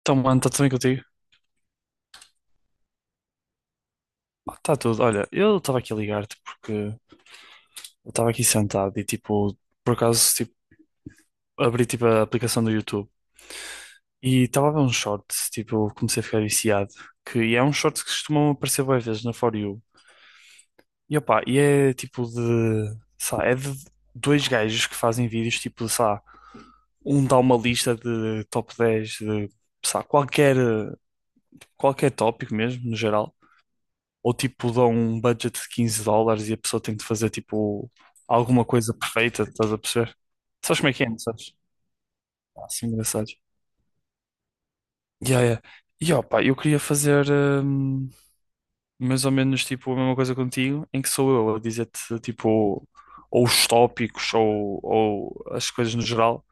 Então, mano, está tudo bem contigo? Está tudo. Olha, eu estava aqui a ligar-te porque eu estava aqui sentado e, tipo, por acaso, tipo, abri, tipo, a aplicação do YouTube e estava a ver um short, tipo, comecei a ficar viciado, que é um short que costumam aparecer várias vezes na For You. E, opá, e é, tipo, de, sei lá, é de dois gajos que fazem vídeos, tipo, sei lá, um dá uma lista de top 10 de, sei lá, qualquer tópico mesmo, no geral. Ou tipo dão um budget de US$ 15 e a pessoa tem de fazer tipo alguma coisa perfeita, estás a perceber? Sabes como é que é, não sabes? Ah, sim, engraçado. Yeah, yeah. E ó, pá, eu queria fazer mais ou menos tipo a mesma coisa contigo, em que sou eu a dizer-te tipo ou os tópicos ou as coisas no geral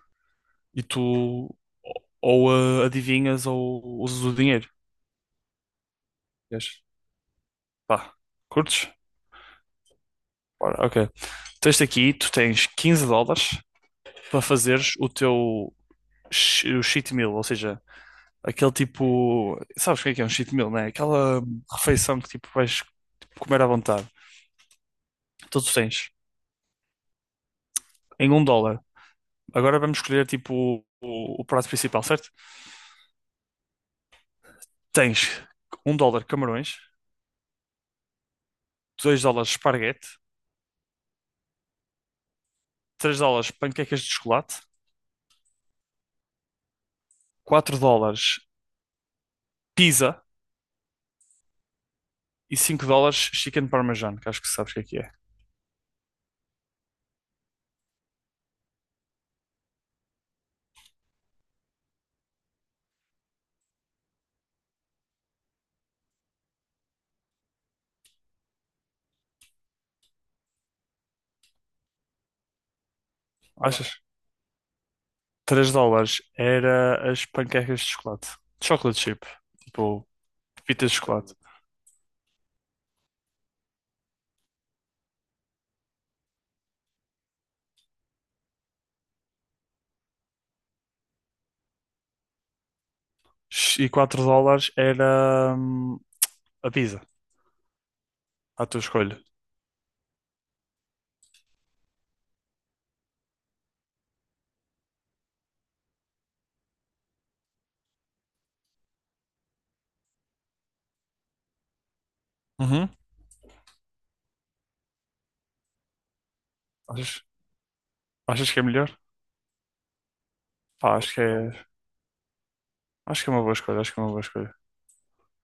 e tu ou adivinhas ou usas o dinheiro. Queres? Pá, curtes? Ora, ok. Tens aqui, tu tens US$ 15 para fazeres o teu o cheat meal, ou seja, aquele tipo. Sabes o que é um cheat meal, né? Aquela refeição que tipo vais tipo, comer à vontade. Então tu tens em US$ 1. Agora vamos escolher tipo o prato principal, certo? Tens US$ 1 camarões, US$ 2 esparguete, US$ 3 panquecas de chocolate, US$ 4 pizza e US$ 5 chicken parmesan, que acho que sabes o que é que é. Achas? US$ 3 era as panquecas de chocolate. Chocolate chip. Tipo, pepitas de chocolate. E US$ 4 era a pizza, à tua escolha. Uhum. Achas, achas que é melhor? Pá, acho que é uma boa escolha, acho que é uma boa escolha.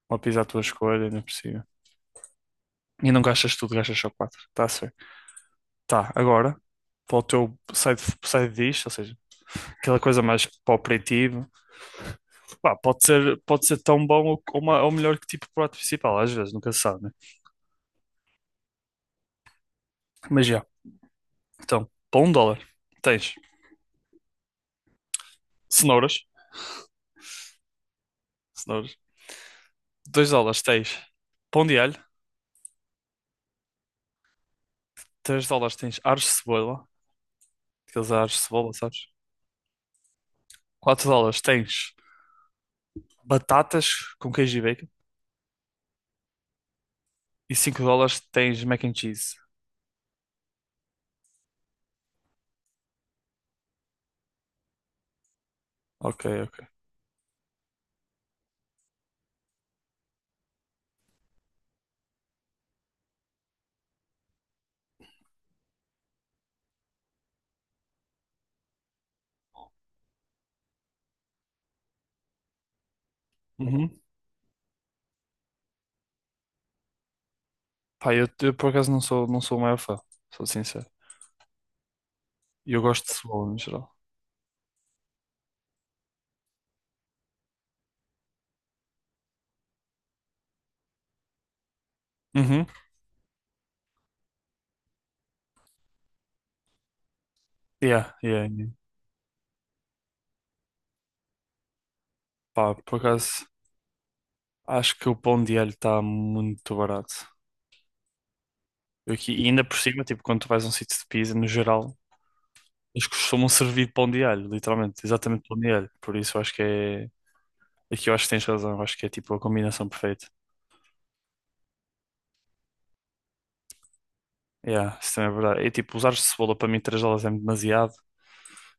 Uma pizza à tua escolha, ainda por cima. E não gastas tudo, gastas só quatro. Tá certo. Tá, agora, para o teu side, side dish, ou seja, aquela coisa mais para o aperitivo, pá, pode ser tão bom ou melhor que tipo prato principal, às vezes, nunca se sabe, né? Mas já, então, para US$ 1, tens cenouras. Cenouras. 2 dólares tens pão de alho. US$ 3 tens aros de cebola. Aqueles aros de cebola, sabes? US$ 4 tens batatas com queijo e bacon. E US$ 5 tens mac and cheese. Ok, ok. Uhum. Pá, eu por acaso não sou, não sou o maior fã. Sou sincero. E eu gosto de cebola no geral. Uhum. Yeah, yeah, yeah. Pá, por acaso acho que o pão de alho está muito barato. Eu aqui, e ainda por cima, tipo, quando tu vais a um sítio de pizza, no geral, eles costumam servir pão de alho, literalmente, exatamente pão de alho. Por isso eu acho que é. Aqui eu acho que tens razão, eu acho que é tipo a combinação perfeita. Yeah, isso também é verdade. É tipo, usar cebola para mim 3 dólares é demasiado.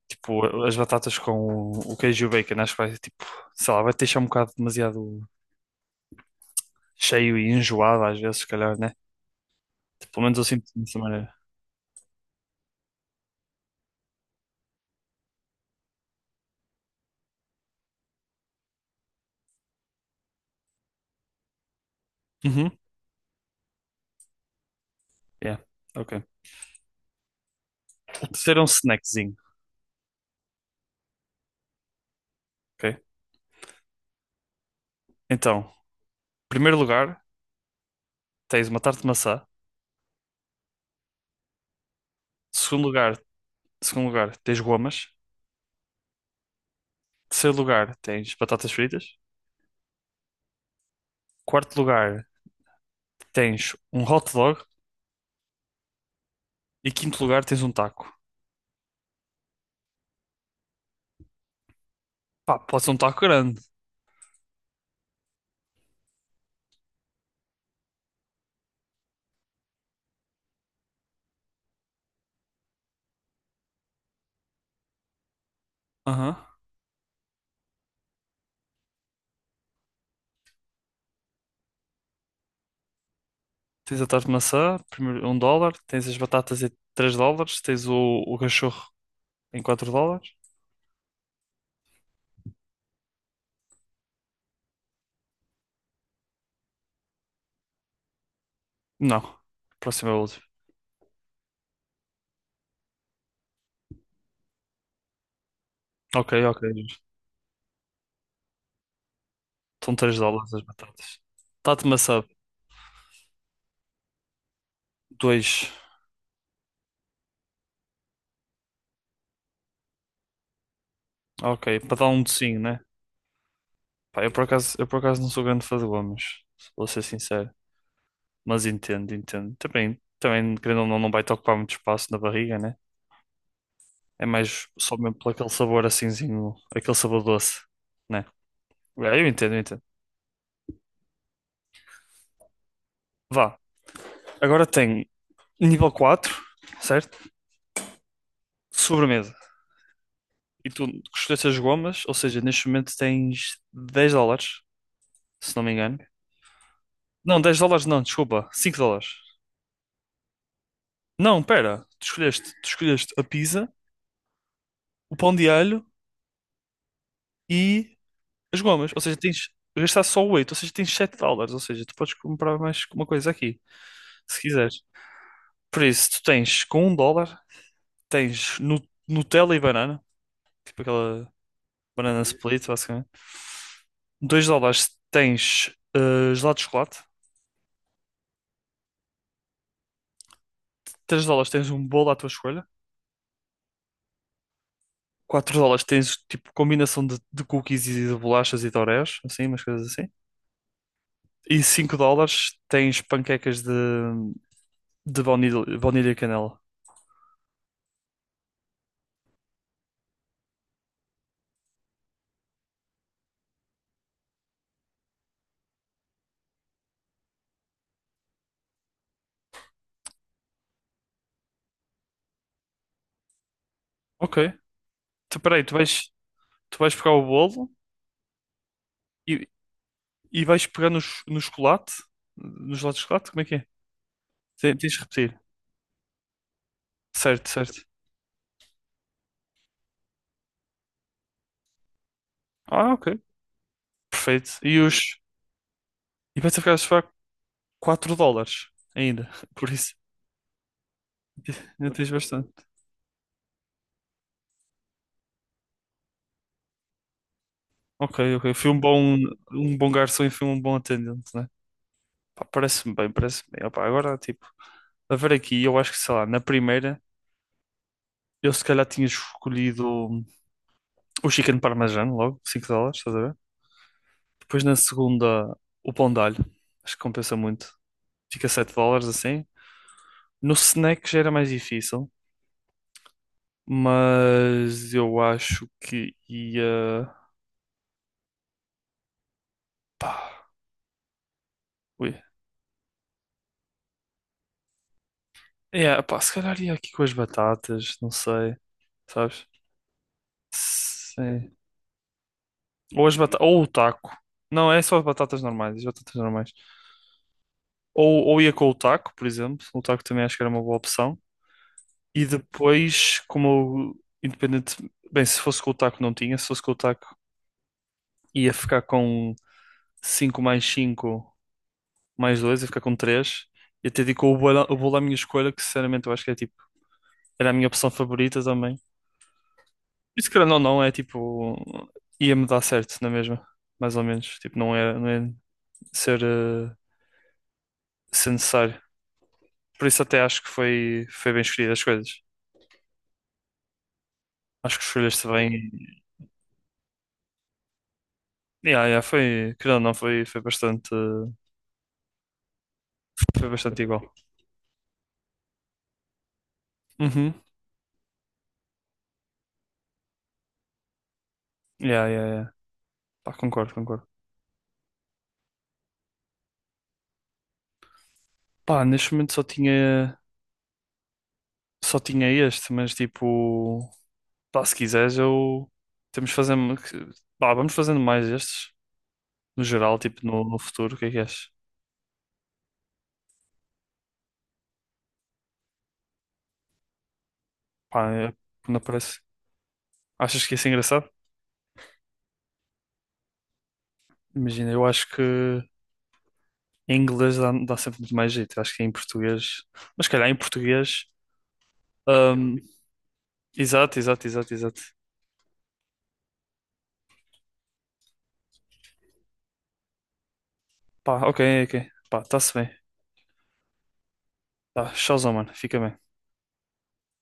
Tipo, as batatas com o queijo e o bacon, acho que vai tipo, sei lá, vai te deixar um bocado demasiado cheio e enjoado às vezes, se calhar, né? Tipo, pelo menos eu sinto dessa maneira. Uhum, yeah, ok. Então, terceiro é um snackzinho, ok? Então, primeiro lugar, tens uma tarte de maçã. Segundo lugar, segundo lugar, tens gomas. Terceiro lugar tens batatas fritas. Quarto lugar tens um hot dog. E quinto lugar tens um taco. Pá, pode ser um taco grande. Aham. Tens a tarte de maçã, primeiro US$ 1. Tens as batatas em US$ 3. Tens o cachorro em US$ 4. Não. Próximo é o último. Ok, ok. Estão US$ 3 as batatas. Tarte de maçã, 2. Ok, para dar um docinho, né? Pá, eu por acaso não sou grande fã de gomas, vou ser sincero. Mas entendo, entendo. Também, também, querendo ou não, não vai-te ocupar muito espaço na barriga, né? É mais só mesmo por aquele sabor assimzinho, aquele sabor doce, né? É, eu entendo, eu entendo. Vá. Agora tem nível quatro, certo? Sobremesa. E tu escolheste as gomas, ou seja, neste momento tens US$ 10, se não me engano. Não, US$ 10 não, desculpa, US$ 5. Não, pera, tu escolheste a pizza, o pão de alho e as gomas, ou seja, tens gastar só o 8, ou seja, tens US$ 7, ou seja, tu podes comprar mais uma coisa aqui, se quiseres. Por isso, tu tens com US$ 1, tens Nutella e banana, tipo aquela banana Uhum. split, basicamente. US$ 2 tens gelado de chocolate, 3 dólares tens um bolo à tua escolha, US$ 4 tens tipo combinação de cookies e de bolachas e de Oreos, assim, umas coisas assim. E US$ 5 tens panquecas de baunilha, baunilha e canela. Ok. Tu, peraí, tu vais. Tu vais pegar o bolo e, e vais pegar no chocolate? No gelado de chocolate? Como é que é? Tens de repetir. Certo, certo. Ah, ok. Perfeito. E os. E vais ficar a pagar US$ 4 ainda. Por isso, ainda tens bastante. Ok, ok. Fui um bom garçom e fui um bom atendente, né? Pá, parece-me bem, parece-me bem. Opá, agora, tipo, a ver aqui, eu acho que, sei lá, na primeira, eu se calhar tinha escolhido o chicken parmesan logo, US$ 5, estás a ver? Depois na segunda, o pão de alho. Acho que compensa muito. Fica US$ 7 assim. No snack já era mais difícil, mas eu acho que ia. Pá, ui. É, pá, se calhar ia aqui com as batatas, não sei. Sabes? Sim. Ou as batatas, ou o taco. Não, é só as batatas normais, as batatas normais. Ou ia com o taco, por exemplo. O taco também acho que era uma boa opção. E depois, como eu, independente, bem, se fosse com o taco não tinha, se fosse com o taco ia ficar com 5 mais 2 ia ficar com três. E até digo o bolo à minha escolha, que sinceramente eu acho que é tipo, era a minha opção favorita também. Por isso, querendo ou não, é tipo, ia-me dar certo, na mesma, mais ou menos. Tipo, não é ser, eh, ser necessário. Por isso, até acho que foi, foi bem escolhido as coisas. Acho que escolheste bem. Yeah, yeah, foi, querendo ou não, foi bastante, foi bastante igual. Uhum. Yeah, yeah, yeah. Pá, concordo, concordo. Pá, neste momento só tinha. Só tinha este, mas tipo, pá, se quiseres, eu temos fazendo, pá, vamos fazendo mais estes, no geral, tipo, no futuro, o que é que achas? Pá, não parece. Achas que ia ser engraçado? Imagina, eu acho que em inglês dá, dá sempre muito mais jeito, acho que em português, mas se calhar em português, hum, exato, exato, exato, exato. Pá, ok, ok, pá, tá-se bem, tá, tchauzão, mano, fica bem.